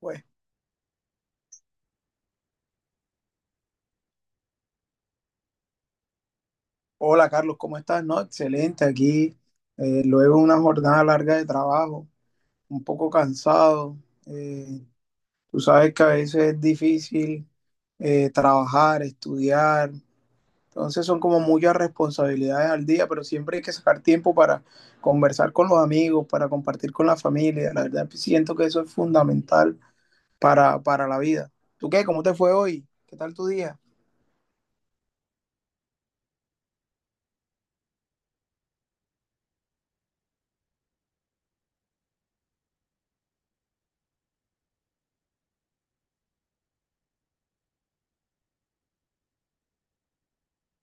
Pues, hola Carlos, ¿cómo estás? No, excelente, aquí luego de una jornada larga de trabajo, un poco cansado. eh, Tú sabes que a veces es difícil trabajar, estudiar, entonces son como muchas responsabilidades al día, pero siempre hay que sacar tiempo para conversar con los amigos, para compartir con la familia. La verdad, siento que eso es fundamental para la vida. ¿Tú qué? ¿Cómo te fue hoy? ¿Qué tal tu día?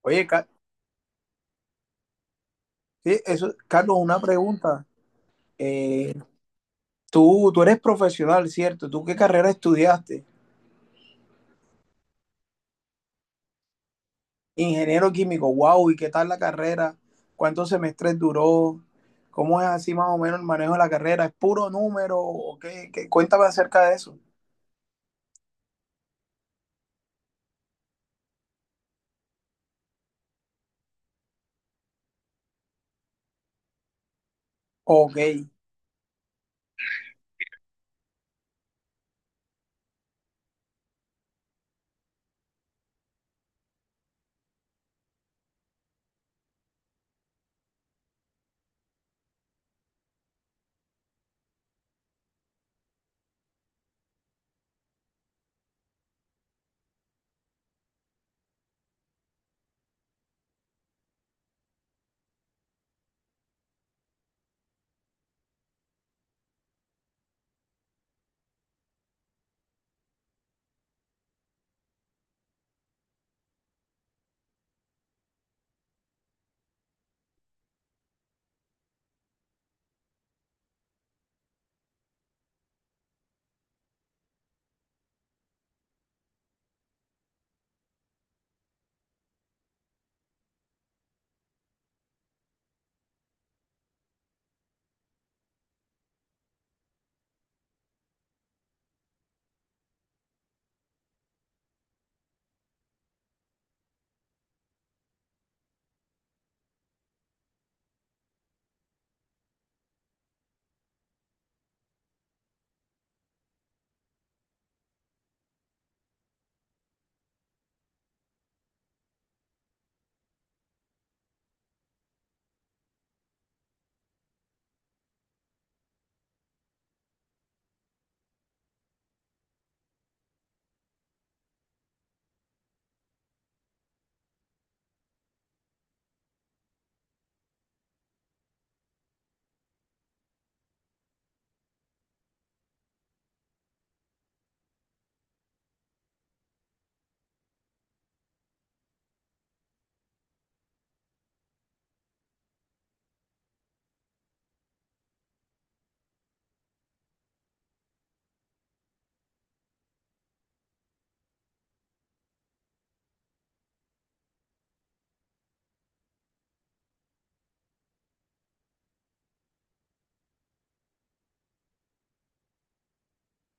Oye, Ca- sí, eso, Carlos, una pregunta. eh, tú eres profesional, ¿cierto? ¿Tú qué carrera estudiaste? Ingeniero químico, wow, ¿y qué tal la carrera? ¿Cuántos semestres duró? ¿Cómo es así más o menos el manejo de la carrera? ¿Es puro número? ¿O qué? ¿Qué? Cuéntame acerca de eso. Ok.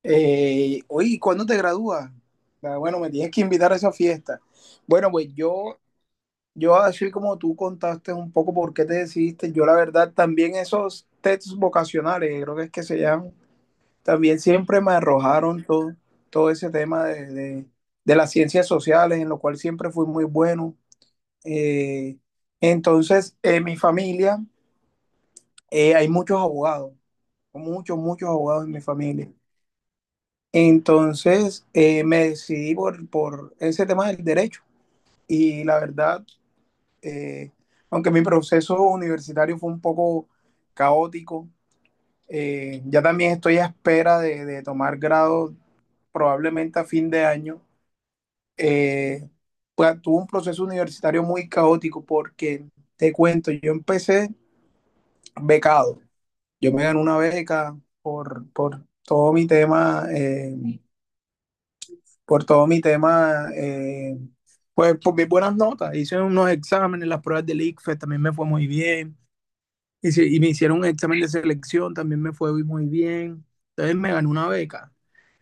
Oye, ¿cuándo te gradúas? Ah, bueno, me tienes que invitar a esa fiesta. Bueno, pues yo, yo así como tú contaste un poco por qué te decidiste, yo la verdad también esos tests vocacionales, creo que es que se llaman, también siempre me arrojaron todo, todo ese tema de las ciencias sociales, en lo cual siempre fui muy bueno. Eh, entonces, en mi familia hay muchos abogados, muchos abogados en mi familia. Entonces, me decidí por ese tema del derecho. Y la verdad, eh, aunque mi proceso universitario fue un poco caótico, ya también estoy a espera de tomar grado probablemente a fin de año. eh, Tuve un proceso universitario muy caótico porque, te cuento, yo empecé becado. Yo me gané una beca por todo mi tema, pues por mis buenas notas. Hice unos exámenes, las pruebas del ICFES también me fue muy bien. Me hicieron un examen de selección, también me fue muy bien. Entonces me gané una beca.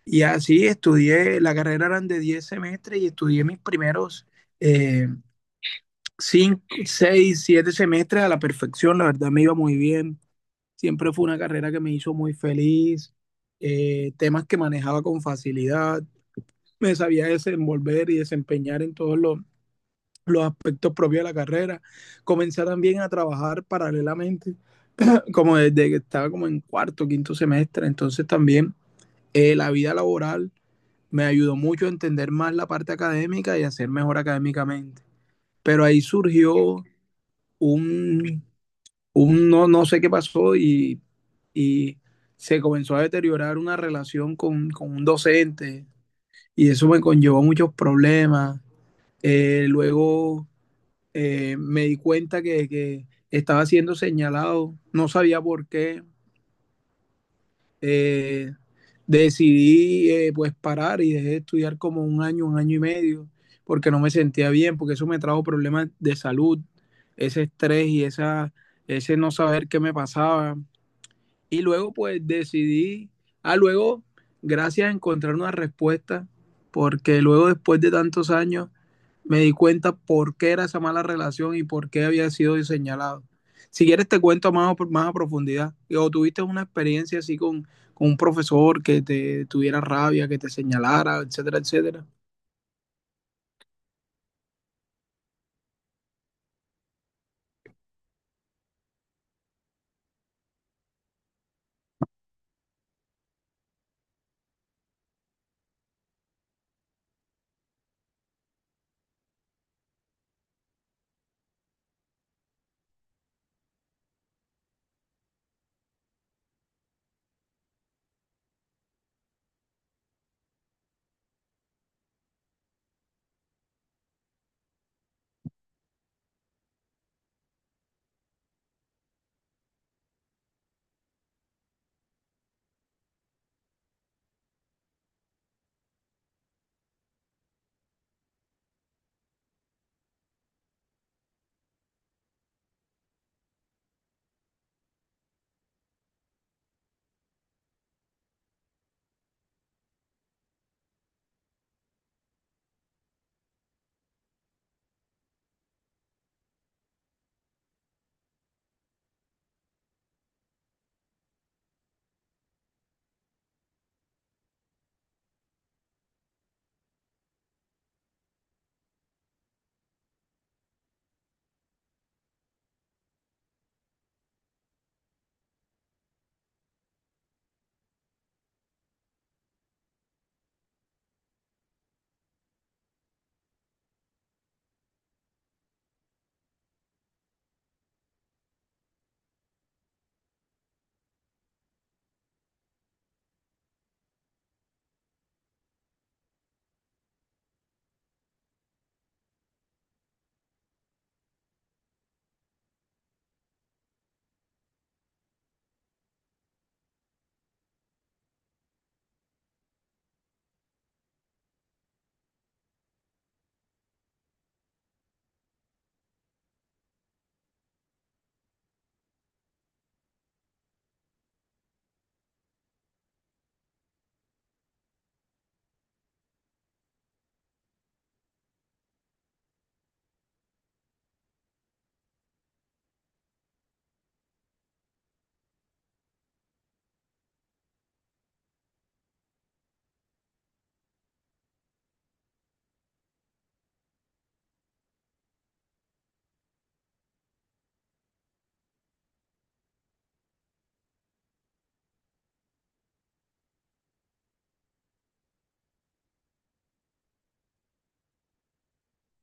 Y así estudié, la carrera eran de 10 semestres y estudié mis primeros eh, cinco, seis, siete semestres a la perfección, la verdad me iba muy bien. Siempre fue una carrera que me hizo muy feliz, temas que manejaba con facilidad, me sabía desenvolver y desempeñar en los aspectos propios de la carrera. Comencé también a trabajar paralelamente, como desde que estaba como en cuarto, quinto semestre, entonces también la vida laboral me ayudó mucho a entender más la parte académica y a ser mejor académicamente. Pero ahí surgió un un no, no sé qué pasó y se comenzó a deteriorar una relación con un docente y eso me conllevó muchos problemas. Luego me di cuenta que estaba siendo señalado, no sabía por qué. Eh, decidí pues parar y dejé de estudiar como un año y medio, porque no me sentía bien, porque eso me trajo problemas de salud, ese estrés y esa, ese no saber qué me pasaba. Y luego pues decidí, ah, luego, gracias a encontrar una respuesta, porque luego después de tantos años me di cuenta por qué era esa mala relación y por qué había sido señalado. Si quieres te cuento más a profundidad. O tuviste una experiencia así con un profesor que te tuviera rabia, que te señalara, etcétera, etcétera.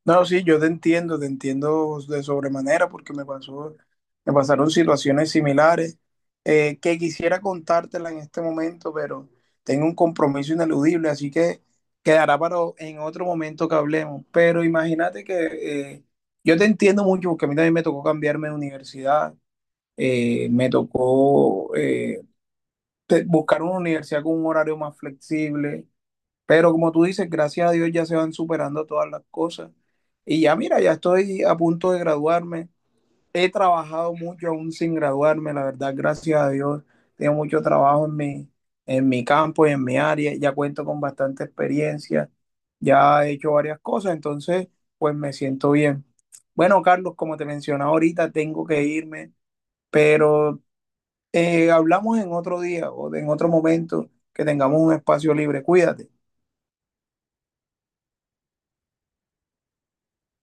No, sí, yo te entiendo de sobremanera porque me pasó, me pasaron situaciones similares que quisiera contártela en este momento, pero tengo un compromiso ineludible, así que quedará en otro momento que hablemos. Pero imagínate que yo te entiendo mucho porque a mí también me tocó cambiarme de universidad, eh, me tocó eh, buscar una universidad con un horario más flexible, pero como tú dices, gracias a Dios ya se van superando todas las cosas. Y ya mira, ya estoy a punto de graduarme. He trabajado mucho aún sin graduarme, la verdad, gracias a Dios. Tengo mucho trabajo en en mi campo y en mi área. Ya cuento con bastante experiencia. Ya he hecho varias cosas, entonces pues me siento bien. Bueno, Carlos, como te mencionaba ahorita, tengo que irme, pero hablamos en otro día o en otro momento que tengamos un espacio libre. Cuídate.